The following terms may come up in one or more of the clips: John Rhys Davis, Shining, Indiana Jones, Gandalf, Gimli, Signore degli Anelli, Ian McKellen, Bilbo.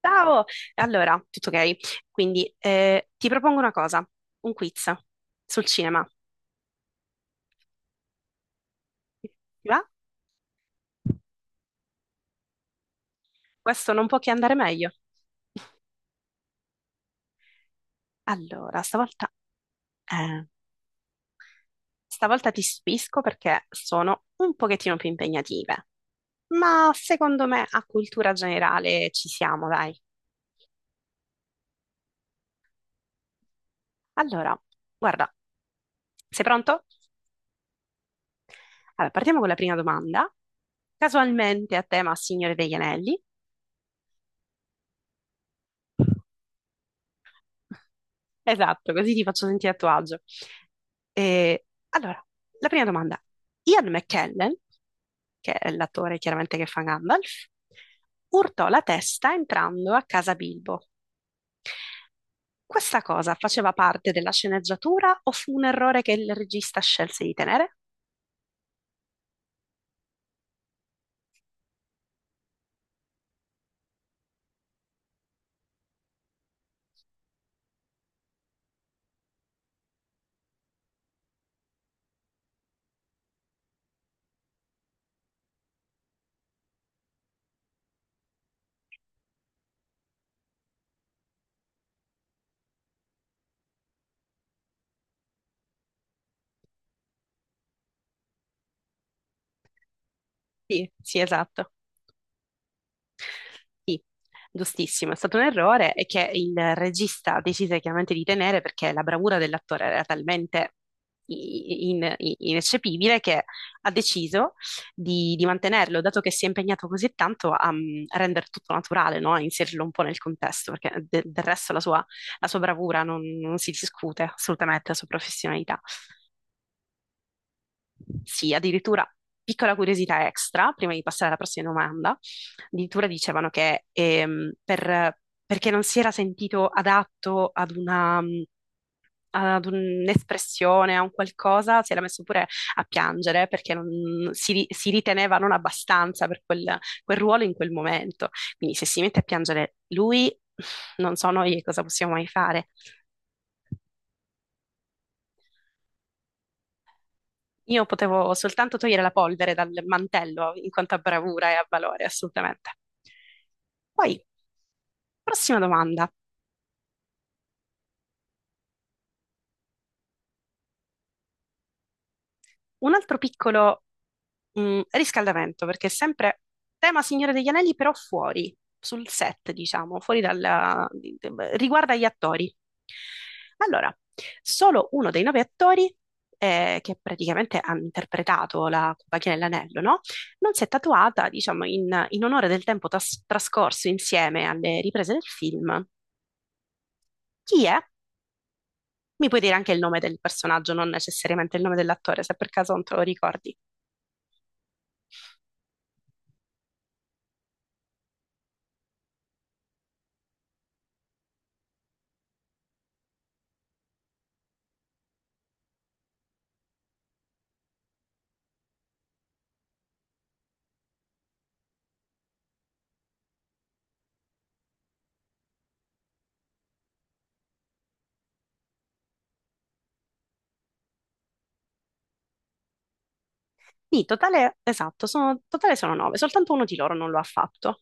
Ciao! Allora, tutto ok? Quindi ti propongo una cosa, un quiz sul cinema. Ti va? Questo non può che andare meglio. Allora, stavolta, eh, stavolta ti stupisco perché sono un pochettino più impegnative, ma secondo me a cultura generale ci siamo, dai. Allora, guarda, sei pronto? Allora, partiamo con la prima domanda, casualmente a tema Signore degli Anelli. Esatto, così ti faccio sentire a tuo agio. E, allora, la prima domanda. Ian McKellen, che è l'attore chiaramente che fa Gandalf, urtò la testa entrando a casa Bilbo. Questa cosa faceva parte della sceneggiatura o fu un errore che il regista scelse di tenere? Sì, sì, esatto. Sì, giustissimo, è stato un errore e che il regista decise chiaramente di tenere perché la bravura dell'attore era talmente ineccepibile che ha deciso di mantenerlo, dato che si è impegnato così tanto a, a rendere tutto naturale, no? A inserirlo un po' nel contesto, perché del resto la sua bravura non si discute assolutamente, la sua professionalità. Sì, addirittura piccola curiosità extra, prima di passare alla prossima domanda, addirittura dicevano che perché non si era sentito adatto ad un'espressione, a un qualcosa, si era messo pure a piangere perché si riteneva non abbastanza per quel ruolo in quel momento. Quindi se si mette a piangere lui, non so noi cosa possiamo mai fare. Io potevo soltanto togliere la polvere dal mantello in quanto a bravura e a valore, assolutamente. Poi, prossima domanda. Un altro piccolo riscaldamento, perché è sempre tema Signore degli Anelli, però fuori, sul set, diciamo, fuori riguarda gli attori. Allora, solo uno dei nove attori, che praticamente hanno interpretato la compagnia dell'anello, no? Non si è tatuata, diciamo, in onore del tempo trascorso insieme alle riprese del film. Chi è? Mi puoi dire anche il nome del personaggio, non necessariamente il nome dell'attore, se per caso non te lo ricordi. Sì, totale, esatto, totale sono nove, soltanto uno di loro non lo ha fatto.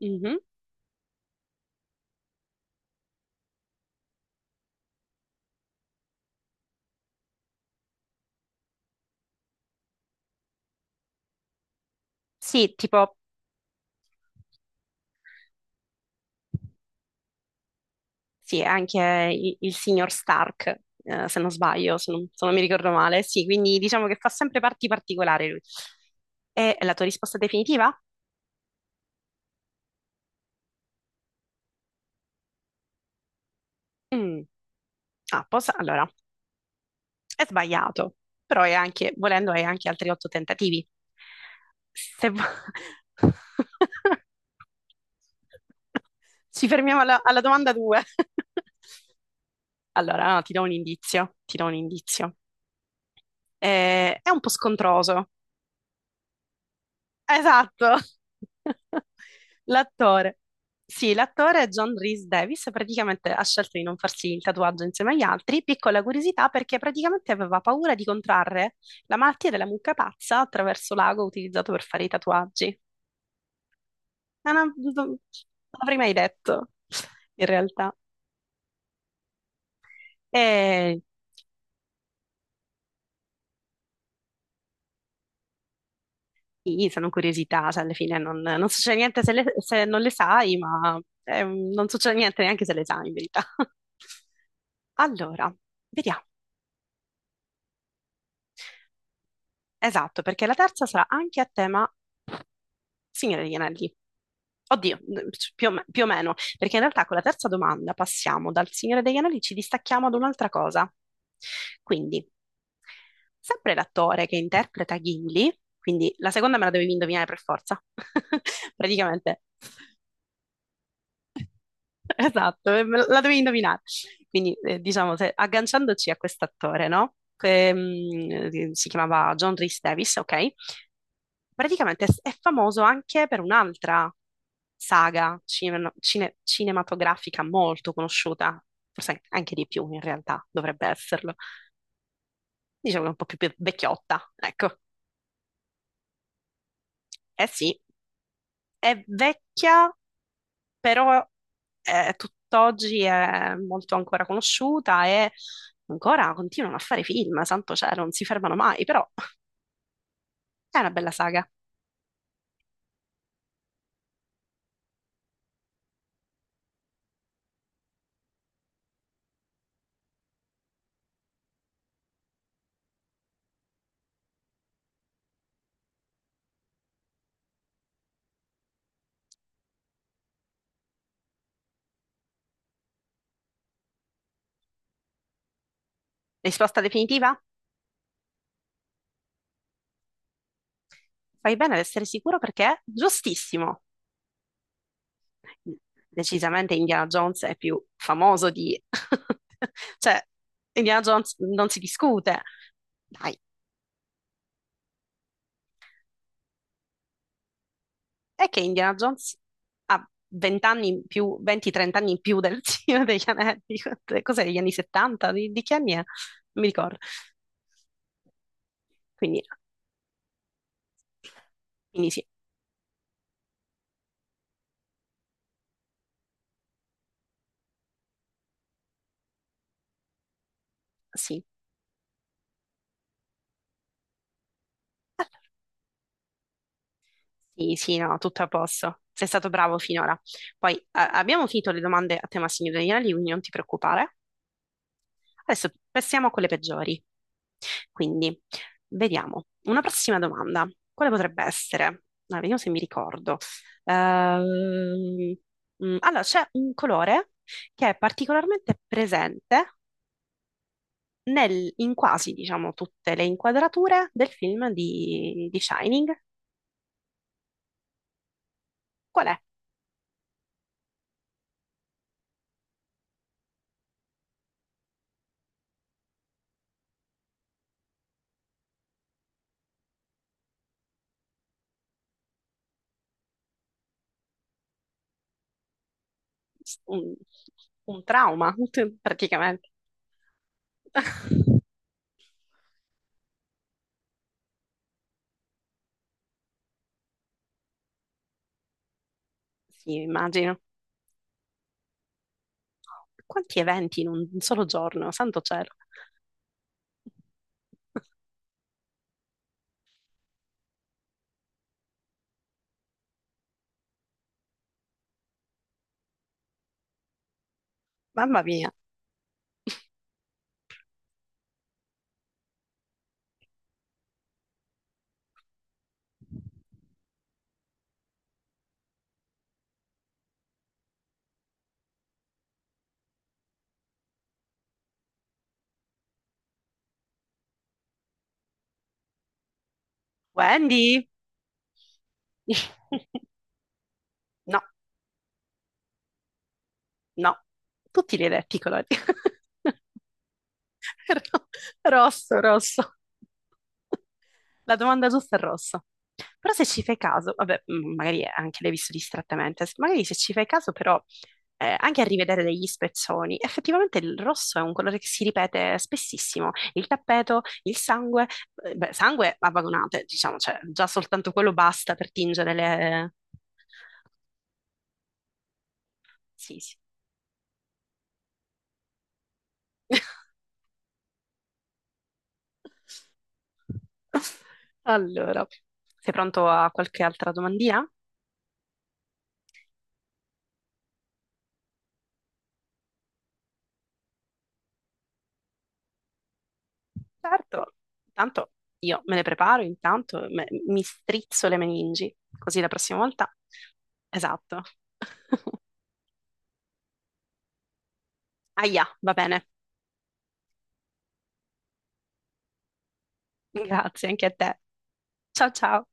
Mhm. Sì, tipo, sì, anche il signor Stark, se non sbaglio, se non mi ricordo male. Sì, quindi diciamo che fa sempre parti particolari lui. E la tua risposta definitiva? Mm. Ah, allora, è sbagliato, però è anche, volendo, hai anche altri otto tentativi. Se vu- Ci fermiamo alla domanda due. Allora, no, ti do un indizio, ti do un indizio. È un po' scontroso. Esatto. L'attore. Sì, l'attore John Rhys Davis praticamente ha scelto di non farsi il tatuaggio insieme agli altri. Piccola curiosità perché praticamente aveva paura di contrarre la malattia della mucca pazza attraverso l'ago utilizzato per fare i tatuaggi. Ah, no, non l'avrei mai detto, in realtà. E sì, sono curiosità, cioè alla fine non, succede niente se non le sai, ma non succede niente neanche se le sai in verità. Allora, vediamo. Esatto, perché la terza sarà anche a tema Signore degli Anelli. Oddio, più o meno, perché in realtà con la terza domanda passiamo dal Signore degli Anelli, ci distacchiamo ad un'altra cosa. Quindi, sempre l'attore che interpreta Gimli, quindi la seconda me la dovevi indovinare per forza, praticamente. Esatto, la devi indovinare. Quindi, diciamo, agganciandoci a quest'attore, no? Che, si chiamava John Rhys Davis, ok? Praticamente è famoso anche per un'altra saga cinematografica molto conosciuta, forse anche di più in realtà, dovrebbe esserlo. Diciamo che è un po' più vecchiotta, ecco. Eh sì, è vecchia, però tutt'oggi è molto ancora conosciuta e ancora continuano a fare film, santo cielo, non si fermano mai, però è una bella saga. Risposta definitiva? Fai bene ad essere sicuro perché è giustissimo. Decisamente Indiana Jones è più famoso di cioè, Indiana Jones non si discute. Dai. È che Indiana Jones ha 20 anni in più, 20-30 anni in più del Signore degli Anelli. Cos'è, degli anni 70? Di che anni è? Non mi ricordo. Quindi, quindi, sì, sì, sì, sì, no, tutto a posto. Sei stato bravo finora. Poi abbiamo finito le domande a tema Signore degli Anelli, quindi non ti preoccupare. Adesso passiamo a quelle peggiori. Quindi, vediamo. Una prossima domanda. Quale potrebbe essere? Ah, vediamo se mi ricordo. Ehm, allora, c'è un colore che è particolarmente presente in quasi, diciamo, tutte le inquadrature del film di Shining. Qual è? Un, un trauma, praticamente. Sì, immagino. Quanti eventi in un solo giorno, santo cielo. Mamma mia. Wendy? No, no. Tutti li hai detti i colori. Ro- Rosso, rosso. La domanda giusta è rosso. Però se ci fai caso, vabbè, magari anche l'hai visto distrattamente, magari se ci fai caso però anche a rivedere degli spezzoni, effettivamente il rosso è un colore che si ripete spessissimo. Il tappeto, il sangue, beh, sangue a vagonate, diciamo, cioè già soltanto quello basta per tingere le. Sì, sì. Allora, sei pronto a qualche altra domandina? Certo, intanto io me le preparo, intanto mi strizzo le meningi, così la prossima volta. Esatto. Aia, va bene. Grazie anche a te. Ciao ciao.